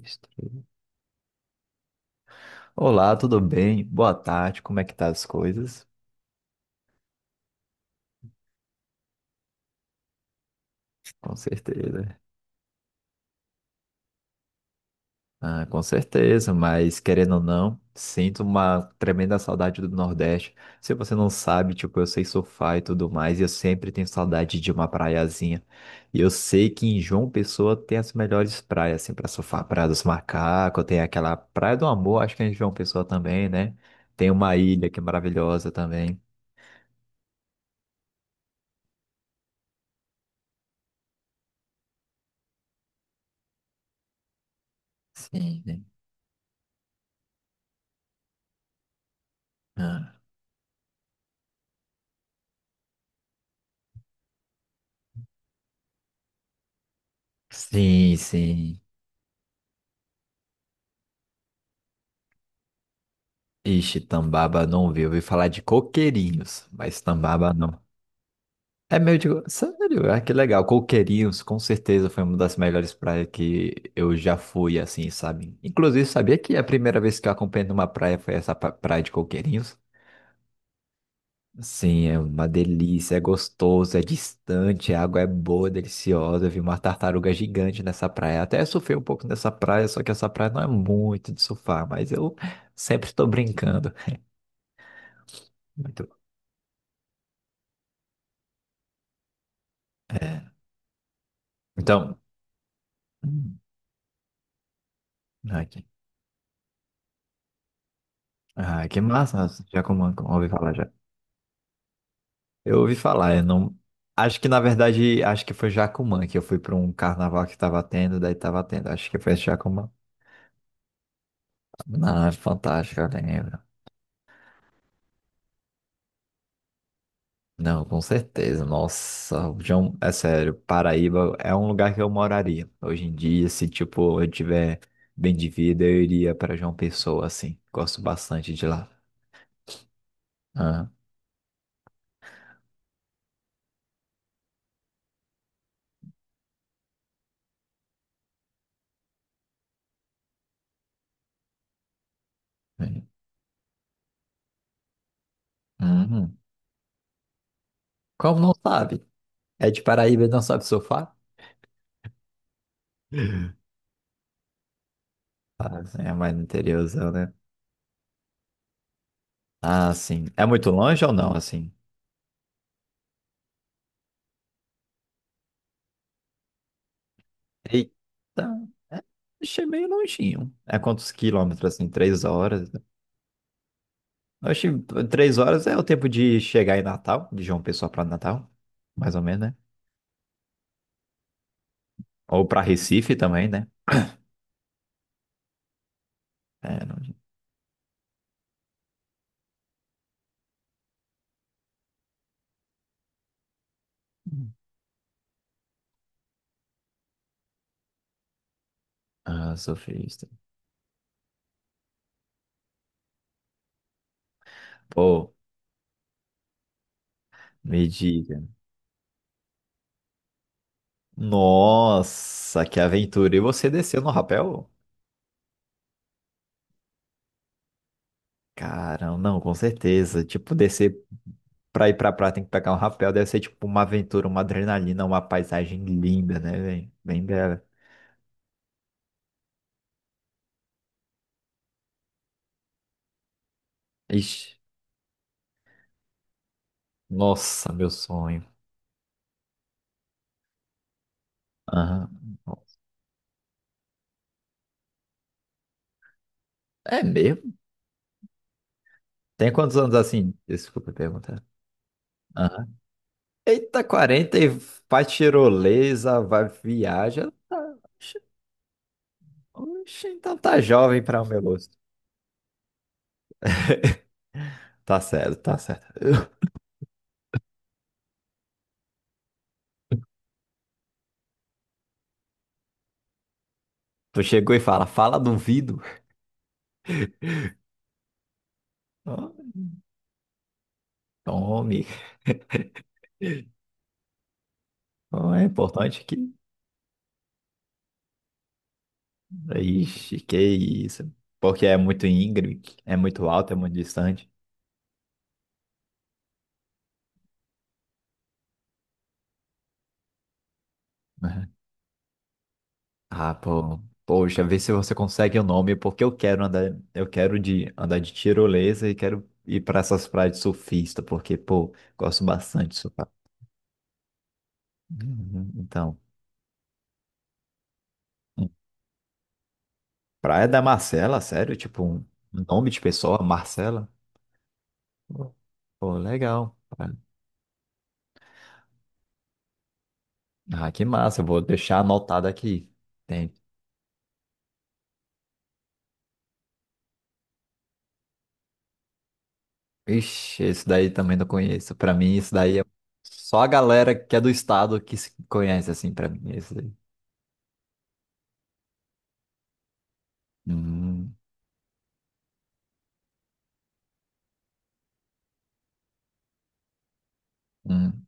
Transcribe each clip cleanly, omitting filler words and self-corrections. Estranho. Olá, tudo bem? Boa tarde, como é que tá as coisas? Com certeza. Com certeza, mas querendo ou não, sinto uma tremenda saudade do Nordeste. Se você não sabe, tipo, eu sei surfar e tudo mais, e eu sempre tenho saudade de uma praiazinha. E eu sei que em João Pessoa tem as melhores praias, assim, pra surfar. Praia dos Macacos, tem aquela Praia do Amor, acho que é em João Pessoa também, né? Tem uma ilha que é maravilhosa também. Sim, né? Ah, sim, sim. Ixi, Tambaba não vi. Eu ouvi falar de coqueirinhos, mas Tambaba não. É meio de. Sério, ah, que legal. Coqueirinhos, com certeza, foi uma das melhores praias que eu já fui, assim, sabe? Inclusive, sabia que a primeira vez que eu acompanhei numa praia foi essa praia de Coqueirinhos? Sim, é uma delícia, é gostoso, é distante, a água é boa, deliciosa. Eu vi uma tartaruga gigante nessa praia. Até surfei um pouco nessa praia, só que essa praia não é muito de surfar, mas eu sempre estou brincando. Muito. É. Então, hum. Aqui. Ah, que massa, Jacumã, ouvi falar já. Eu ouvi falar, eu não. Acho que na verdade, acho que foi Jacumã que eu fui para um carnaval que tava tendo, daí tava tendo. Acho que foi Jacumã. Não, é fantástico, eu lembro. Não, com certeza. Nossa, o João, é sério, Paraíba é um lugar que eu moraria. Hoje em dia, se tipo, eu tiver bem de vida, eu iria para João Pessoa, assim. Gosto bastante de lá. Ah, é. Uhum. Como não sabe? É de Paraíba e não sabe surfar? Ah, sim, é mais no interiorzão, né? Ah, sim. É muito longe ou não, assim? Eita, é, achei meio longinho. É quantos quilômetros, assim? Três horas? Achei três horas é o tempo de chegar em Natal, de João Pessoa para Natal, mais ou menos, né? Ou para Recife também, né? É, não... Ah, surfista. Pô, me diga. Nossa, que aventura. E você desceu no rapel? Caramba, não, com certeza. Tipo, descer. Pra ir pra praia tem que pegar um rapel. Deve ser tipo uma aventura, uma adrenalina, uma paisagem linda, né, velho? Bem bela. Ixi, nossa, meu sonho. Aham. É mesmo? Tem quantos anos assim? Desculpa perguntar. Aham. Eita, 40 e faz tirolesa, vai viaja. Tá... Oxe, oxe, então tá jovem pra o meu gosto. Tá certo, tá certo. Tu chegou e fala, fala duvido. Ó, tome. Ó, é importante que Ixi, que isso. Porque é muito íngreme, é muito alto, é muito distante. Né? Ah, pô. Poxa, vê se você consegue o nome, porque eu quero andar, eu quero de andar de tirolesa e quero ir para essas praias de surfista, porque, pô, gosto bastante de surfar. Uhum, então, hum. Praia da Marcela, sério? Tipo, um nome de pessoa, Marcela? Pô, legal. Ah, que massa, eu vou deixar anotado aqui. Ixi, isso daí também não conheço. Pra mim, isso daí é só a galera que é do estado que se conhece, assim, pra mim. Isso daí. Hum, hum,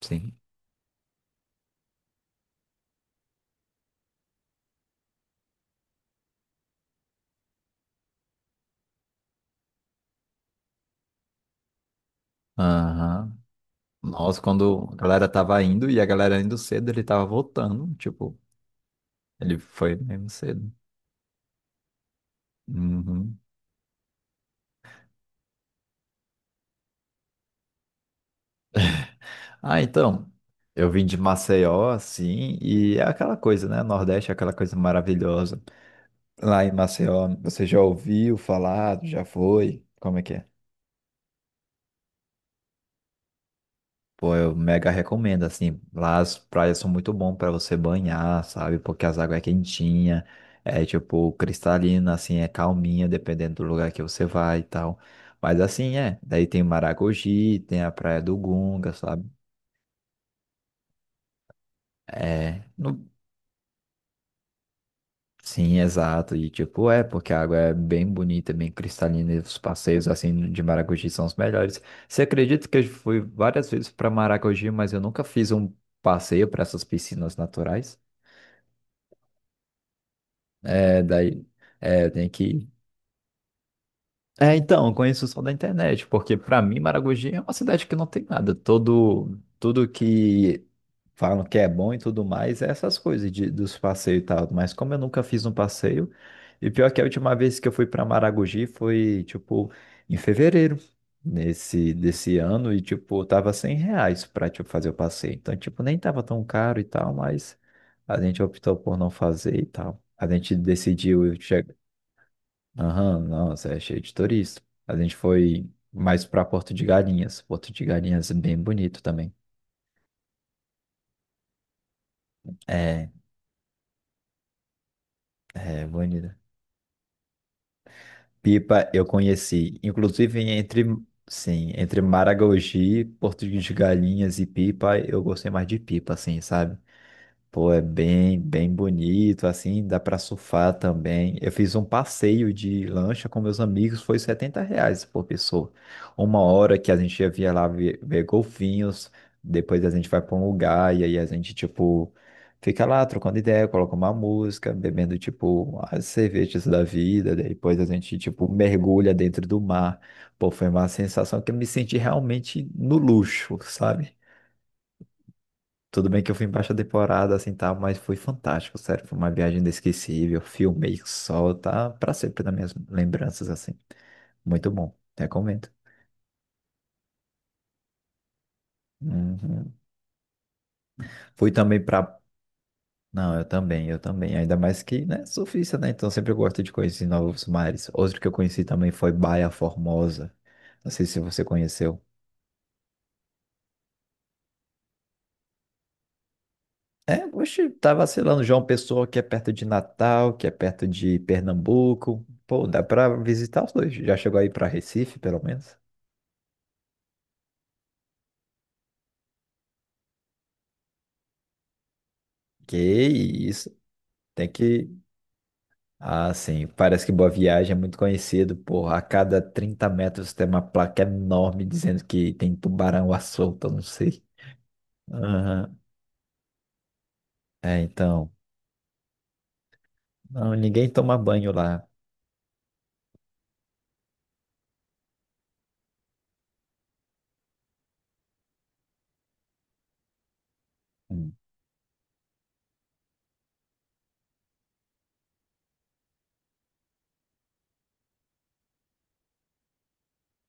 sim. Aham. Nossa, quando a galera tava indo e a galera indo cedo, ele tava voltando. Tipo, ele foi mesmo cedo. Uhum. Ah, então. Eu vim de Maceió, assim, e é aquela coisa, né? Nordeste é aquela coisa maravilhosa. Lá em Maceió, você já ouviu falar? Já foi? Como é que é? Pô, eu mega recomendo, assim, lá as praias são muito bom para você banhar, sabe? Porque as águas é quentinha, é tipo cristalina, assim, é calminha, dependendo do lugar que você vai e tal. Mas assim, é, daí tem Maragogi, tem a Praia do Gunga, sabe? É, no. Sim, exato, e tipo, é, porque a água é bem bonita, bem cristalina, e os passeios, assim, de Maragogi são os melhores. Você acredita que eu fui várias vezes para Maragogi, mas eu nunca fiz um passeio para essas piscinas naturais? É, daí, é, tem que. É, então, eu conheço só da internet, porque pra mim Maragogi é uma cidade que não tem nada. Todo, tudo que falam que é bom e tudo mais é essas coisas de, dos passeios e tal. Mas como eu nunca fiz um passeio, e pior que a última vez que eu fui pra Maragogi foi, tipo, em fevereiro nesse, desse ano, e, tipo, tava R$ 100 pra, tipo, fazer o passeio. Então, tipo, nem tava tão caro e tal, mas a gente optou por não fazer e tal. A gente decidiu. Aham, nossa, é cheio de turista. A gente foi mais pra Porto de Galinhas. Porto de Galinhas é bem bonito também. É, é bonito. Pipa eu conheci, inclusive entre, sim, entre Maragogi, Porto de Galinhas e Pipa, eu gostei mais de Pipa, assim, sabe? Pô, é bem, bem bonito, assim, dá pra surfar também. Eu fiz um passeio de lancha com meus amigos, foi R$ 70 por pessoa. Uma hora que a gente ia via lá ver, ver golfinhos, depois a gente vai pra um lugar e aí a gente, tipo, fica lá trocando ideia, coloca uma música, bebendo, tipo, as cervejas da vida, daí depois a gente, tipo, mergulha dentro do mar. Pô, foi uma sensação que eu me senti realmente no luxo, sabe? Tudo bem que eu fui em baixa temporada, assim, tá? Mas foi fantástico, sério. Foi uma viagem inesquecível. Filmei que sol, tá? Pra sempre nas minhas lembranças, assim. Muito bom. Recomendo. Uhum. Fui também pra... Não, eu também, eu também. Ainda mais que, né, surfista, né? Então sempre eu gosto de conhecer novos mares. Outro que eu conheci também foi Baia Formosa. Não sei se você conheceu. É, oxe, tá vacilando. João Pessoa, que é perto de Natal, que é perto de Pernambuco. Pô, dá pra visitar os dois. Já chegou aí pra Recife, pelo menos? Que isso, tem que. Ah, sim, parece que Boa Viagem é muito conhecido, porra. A cada 30 metros tem uma placa enorme dizendo que tem tubarão à solta, eu não sei. Aham. É, então. Não, ninguém toma banho lá. Hum.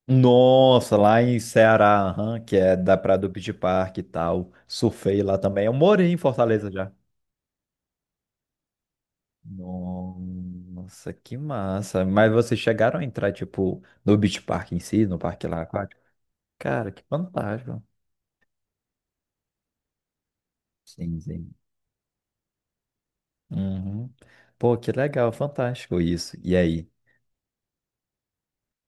Nossa, lá em Ceará, aham, que é da Praia do Beach Park e tal. Surfei lá também. Eu morei em Fortaleza já. Nossa, que massa. Mas vocês chegaram a entrar, tipo, no Beach Park em si, no parque lá aquático? Cara, que fantástico. Sim, sim. Uhum. Pô, que legal, fantástico isso. E aí?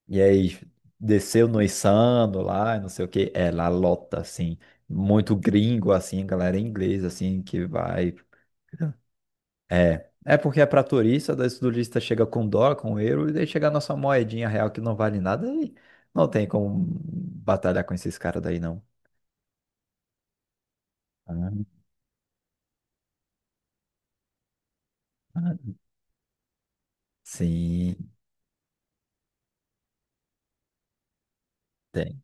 E aí, desceu no Insano lá, não sei o quê. É, lá lota, assim. Muito gringo, assim, galera inglesa, assim, que vai. É. É porque é pra turista, daí o turista chega com dólar, com euro, e daí chega a nossa moedinha real que não vale nada, e não tem como batalhar com esses caras daí, não. Ah, ah. Sim, tem.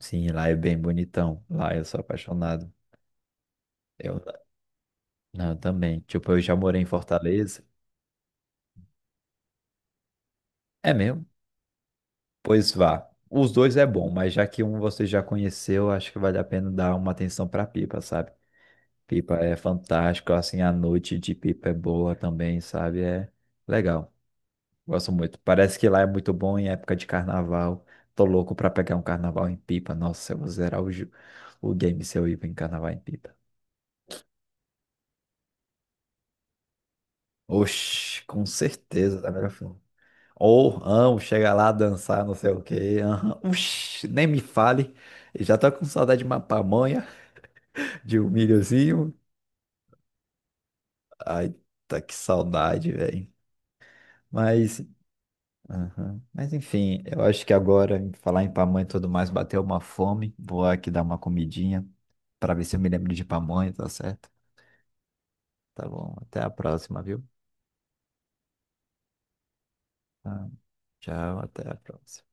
Sim, lá é bem bonitão. Lá eu sou apaixonado. Não, eu também. Tipo, eu já morei em Fortaleza. É mesmo? Pois vá. Os dois é bom, mas já que um você já conheceu, acho que vale a pena dar uma atenção pra Pipa, sabe? Pipa é fantástico, assim, a noite de Pipa é boa também, sabe? É legal. Gosto muito. Parece que lá é muito bom em época de carnaval. Tô louco pra pegar um carnaval em Pipa. Nossa, eu vou zerar o, ju- o game se eu ir em carnaval em Pipa. Oxi, com certeza, da melhor forma. Ou amo chegar lá, dançar, não sei o quê. Aham. Uxi, nem me fale. Eu já tô com saudade de uma pamonha, de um milhozinho. Ai, tá que saudade, velho. Mas, aham. Mas enfim, eu acho que agora, em falar em pamonha e tudo mais, bateu uma fome. Vou aqui dar uma comidinha pra ver se eu me lembro de pamonha, tá certo? Tá bom, até a próxima, viu? Tá, tchau, até a próxima.